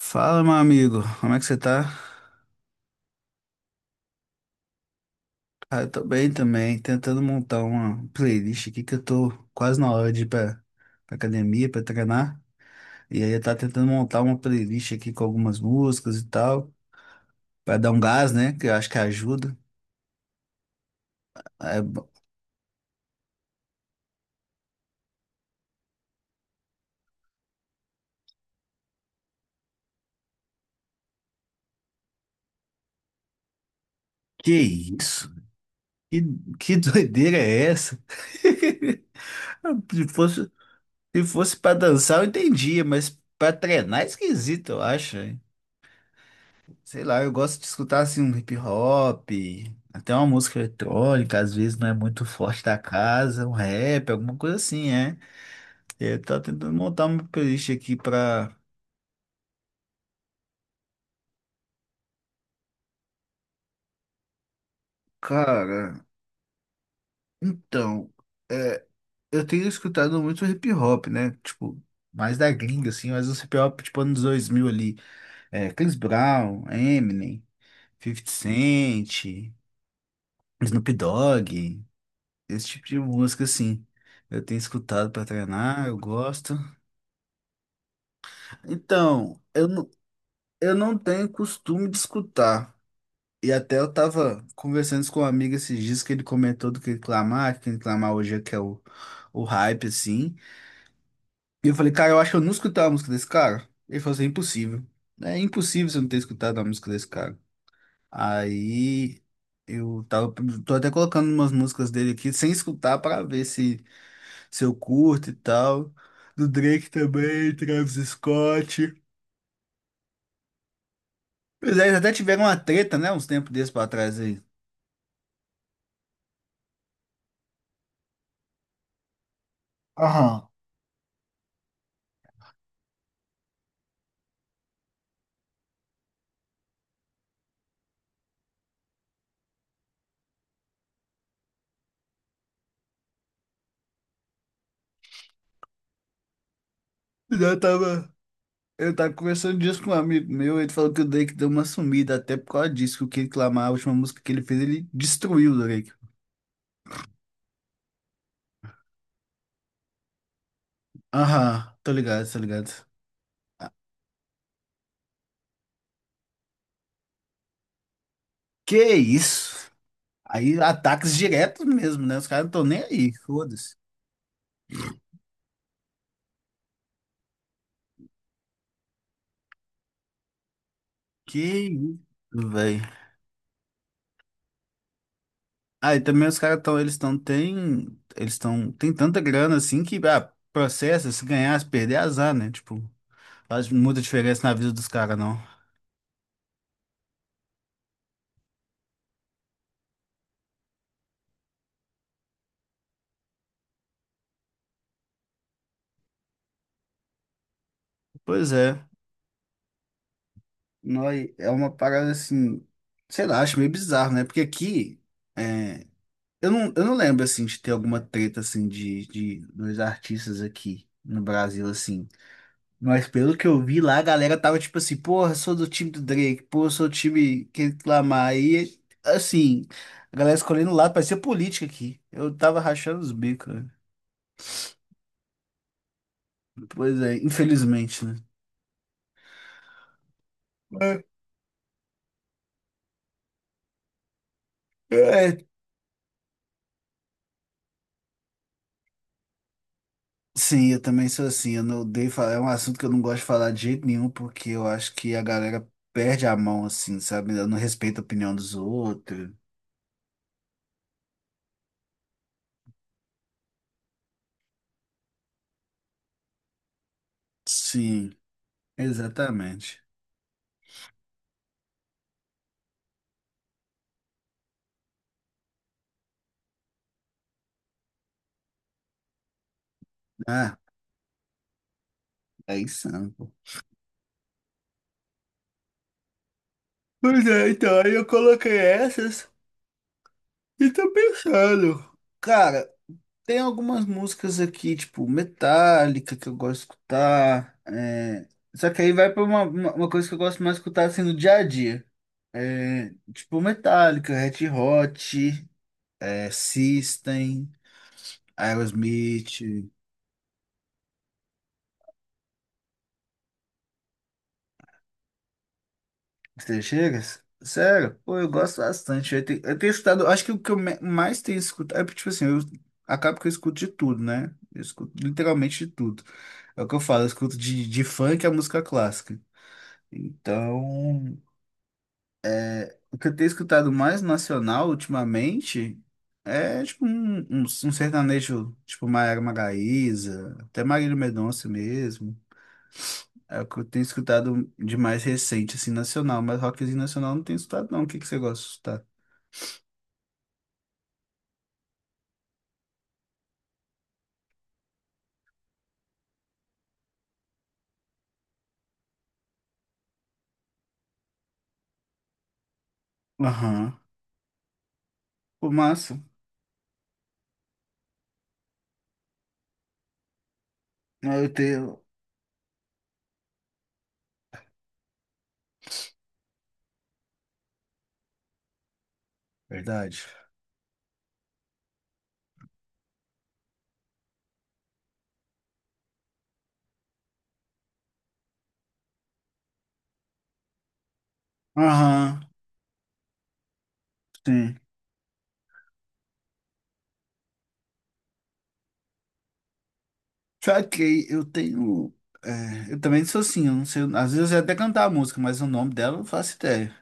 Fala, meu amigo, como é que você tá? Ah, eu tô bem também, tentando montar uma playlist aqui que eu tô quase na hora de ir pra academia, pra treinar. E aí eu tava tentando montar uma playlist aqui com algumas músicas e tal, pra dar um gás, né? Que eu acho que ajuda. É. Que isso? Que, que doideira é essa? Se fosse, se fosse pra dançar, eu entendia, mas pra treinar é esquisito, eu acho. Sei lá, eu gosto de escutar assim um hip hop, até uma música eletrônica, às vezes não é muito forte da casa, um rap, alguma coisa assim, é. Eu tô tentando montar uma playlist aqui pra. Cara, então, é, eu tenho escutado muito hip hop, né? Tipo, mais da gringa, assim, mas os hip hop tipo anos 2000 ali. É, Chris Brown, Eminem, Fifty Cent, Snoop Dogg, esse tipo de música assim. Eu tenho escutado pra treinar, eu gosto. Então, eu não tenho costume de escutar. E até eu tava conversando isso com um amigo esses dias que ele comentou do que reclamar hoje é que é o hype, assim. E eu falei, cara, eu acho que eu não escutei a música desse cara. Ele falou assim, "É impossível. É impossível você não ter escutado a música desse cara. Aí eu tava, tô até colocando umas músicas dele aqui sem escutar pra ver se eu curto e tal. Do Drake também, Travis Scott. Pois é, eles até tiveram uma treta, né? Uns tempos desses pra trás aí. Aham. Eu tava, eu tava conversando disso com um amigo meu, ele falou que o Drake deu uma sumida até por causa disso, que o Kendrick Lamar, a última música que ele fez, ele destruiu o Drake. Aham, tô ligado, tô ligado. Que isso? Aí ataques diretos mesmo, né? Os caras não estão nem aí, foda-se. Que isso, velho. Ah, e também os caras estão, eles estão, tem tanta grana assim que, ah, processa, se ganhar, se perder, azar, né? Tipo. Faz muita diferença na vida dos caras, não. Pois é. Noi, é uma parada assim, sei lá, acho meio bizarro, né? Porque aqui, é, eu não lembro, assim, de ter alguma treta, assim, de dos artistas aqui no Brasil, assim. Mas pelo que eu vi lá, a galera tava tipo assim, porra, sou do time do Drake, porra, sou do time que reclamar. Aí, assim, a galera escolhendo o lado, parecia política aqui. Eu tava rachando os bicos, né? Pois é, infelizmente, né? É, é, sim, eu também sou assim. Eu não odeio falar. É um assunto que eu não gosto de falar de jeito nenhum, porque eu acho que a galera perde a mão, assim, sabe? Eu não respeito a opinião dos outros. Sim, exatamente. Ah, é insano, pô. Pois é, então, aí eu coloquei essas e tô pensando. Cara, tem algumas músicas aqui, tipo Metallica, que eu gosto de escutar. É, só que aí vai pra uma coisa que eu gosto mais de escutar assim no dia a dia. É, tipo Metallica, Red Hot, System, Aerosmith. Você chega? Sério? Pô, eu gosto bastante. Eu tenho escutado, acho que o que eu mais tenho escutado é porque, tipo assim, eu acabo que eu escuto de tudo, né? Eu escuto literalmente de tudo. É o que eu falo, eu escuto de funk a música clássica. Então. O que eu tenho escutado mais nacional ultimamente é tipo um sertanejo, tipo Maiara Maraíza, até Marília Mendonça mesmo. É o que eu tenho escutado de mais recente, assim, nacional, mas rockzinho nacional eu não tenho escutado não. O que que você gosta de escutar? Aham. Pô, massa. Ah, eu tenho. Verdade. Aham, sim. Sabe que eu tenho. É, eu também sou assim, eu não sei. Às vezes eu sei até cantar a música, mas o nome dela eu não faço ideia.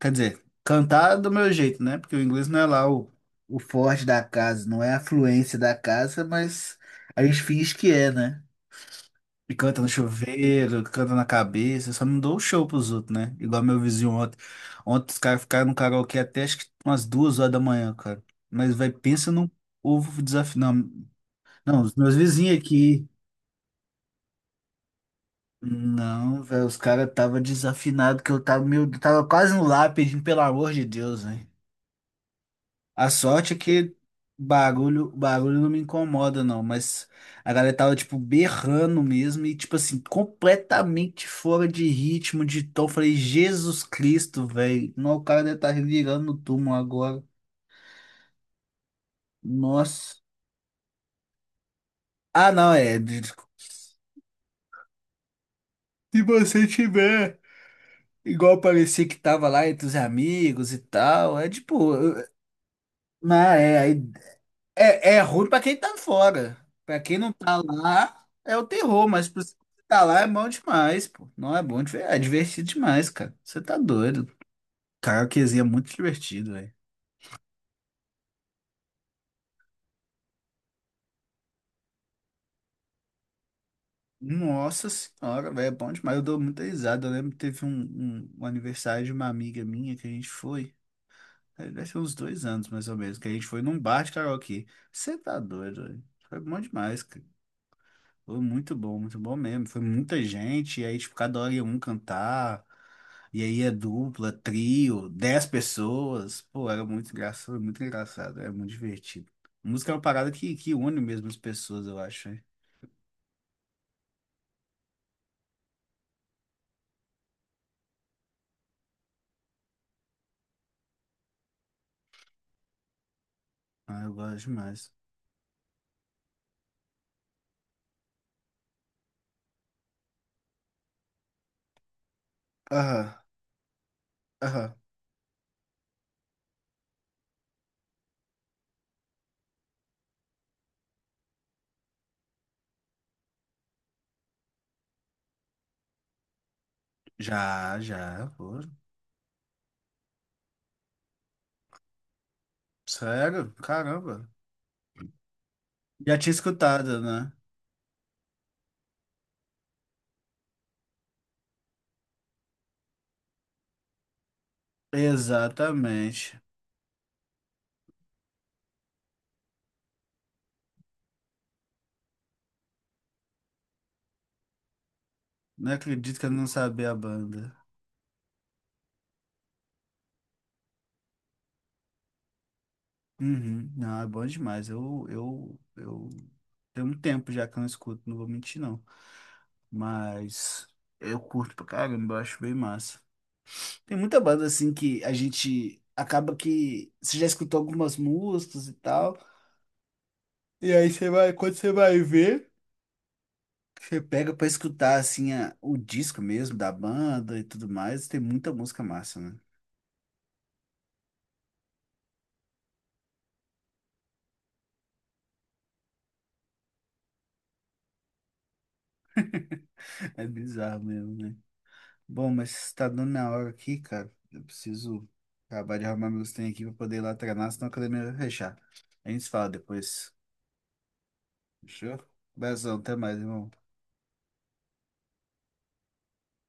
Quer dizer, cantar do meu jeito, né? Porque o inglês não é lá o forte da casa, não é a fluência da casa, mas a gente finge que é, né? E canta no chuveiro, canta na cabeça, só não dou o show pros outros, né? Igual meu vizinho ontem. Ontem os caras ficaram no karaokê até acho que umas 2 horas da manhã, cara. Mas, vai, pensa num povo desafinado. Não, os meus vizinhos aqui. Não, velho, os caras tava desafinado que eu tava, meu, tava quase no lá pedindo pelo amor de Deus, velho. A sorte é que barulho não me incomoda, não. Mas a galera tava, tipo, berrando mesmo e, tipo assim, completamente fora de ritmo, de tom. Falei, Jesus Cristo, velho. Não, o cara deve estar virando no túmulo agora. Nossa. Ah, não, é. Se você tiver, igual parecia que tava lá entre os amigos e tal, é tipo. Não, é. Aí é ruim pra quem tá fora. Pra quem não tá lá, é o terror, mas pra você que tá lá é bom demais, pô. Não é bom, é divertido demais, cara. Você tá doido. Karaokezinho é muito divertido, velho. Nossa senhora, velho, é bom demais. Eu dou muita risada. Eu lembro que teve um, um aniversário de uma amiga minha que a gente foi. Deve ser uns 2 anos, mais ou menos, que a gente foi num bar de karaokê. Você tá doido, velho. Foi bom demais, cara. Foi muito bom mesmo. Foi muita gente, e aí, tipo, cada hora ia um cantar, e aí é dupla, trio, 10 pessoas. Pô, era muito engraçado, foi muito engraçado, era muito divertido. Música é uma parada que une mesmo as pessoas, eu acho, hein? Ah, eu gosto demais. Aham, aham. Já, já, pô. Sério? Caramba. Já tinha escutado, né? Exatamente. Não acredito que eu não sabia a banda. Uhum. Não, é bom demais. Eu tem um tempo já que eu não escuto, não vou mentir não. Mas eu curto pra caramba, eu acho bem massa. Tem muita banda assim que a gente acaba que você já escutou algumas músicas e tal. E aí você vai, quando você vai ver, você pega pra escutar assim o disco mesmo da banda e tudo mais. Tem muita música massa, né? É bizarro mesmo, né? Bom, mas tá dando na hora aqui, cara. Eu preciso acabar de arrumar meus trem aqui pra poder ir lá treinar, senão a academia vai fechar. A gente se fala depois. Fechou? Beijão, até mais, irmão.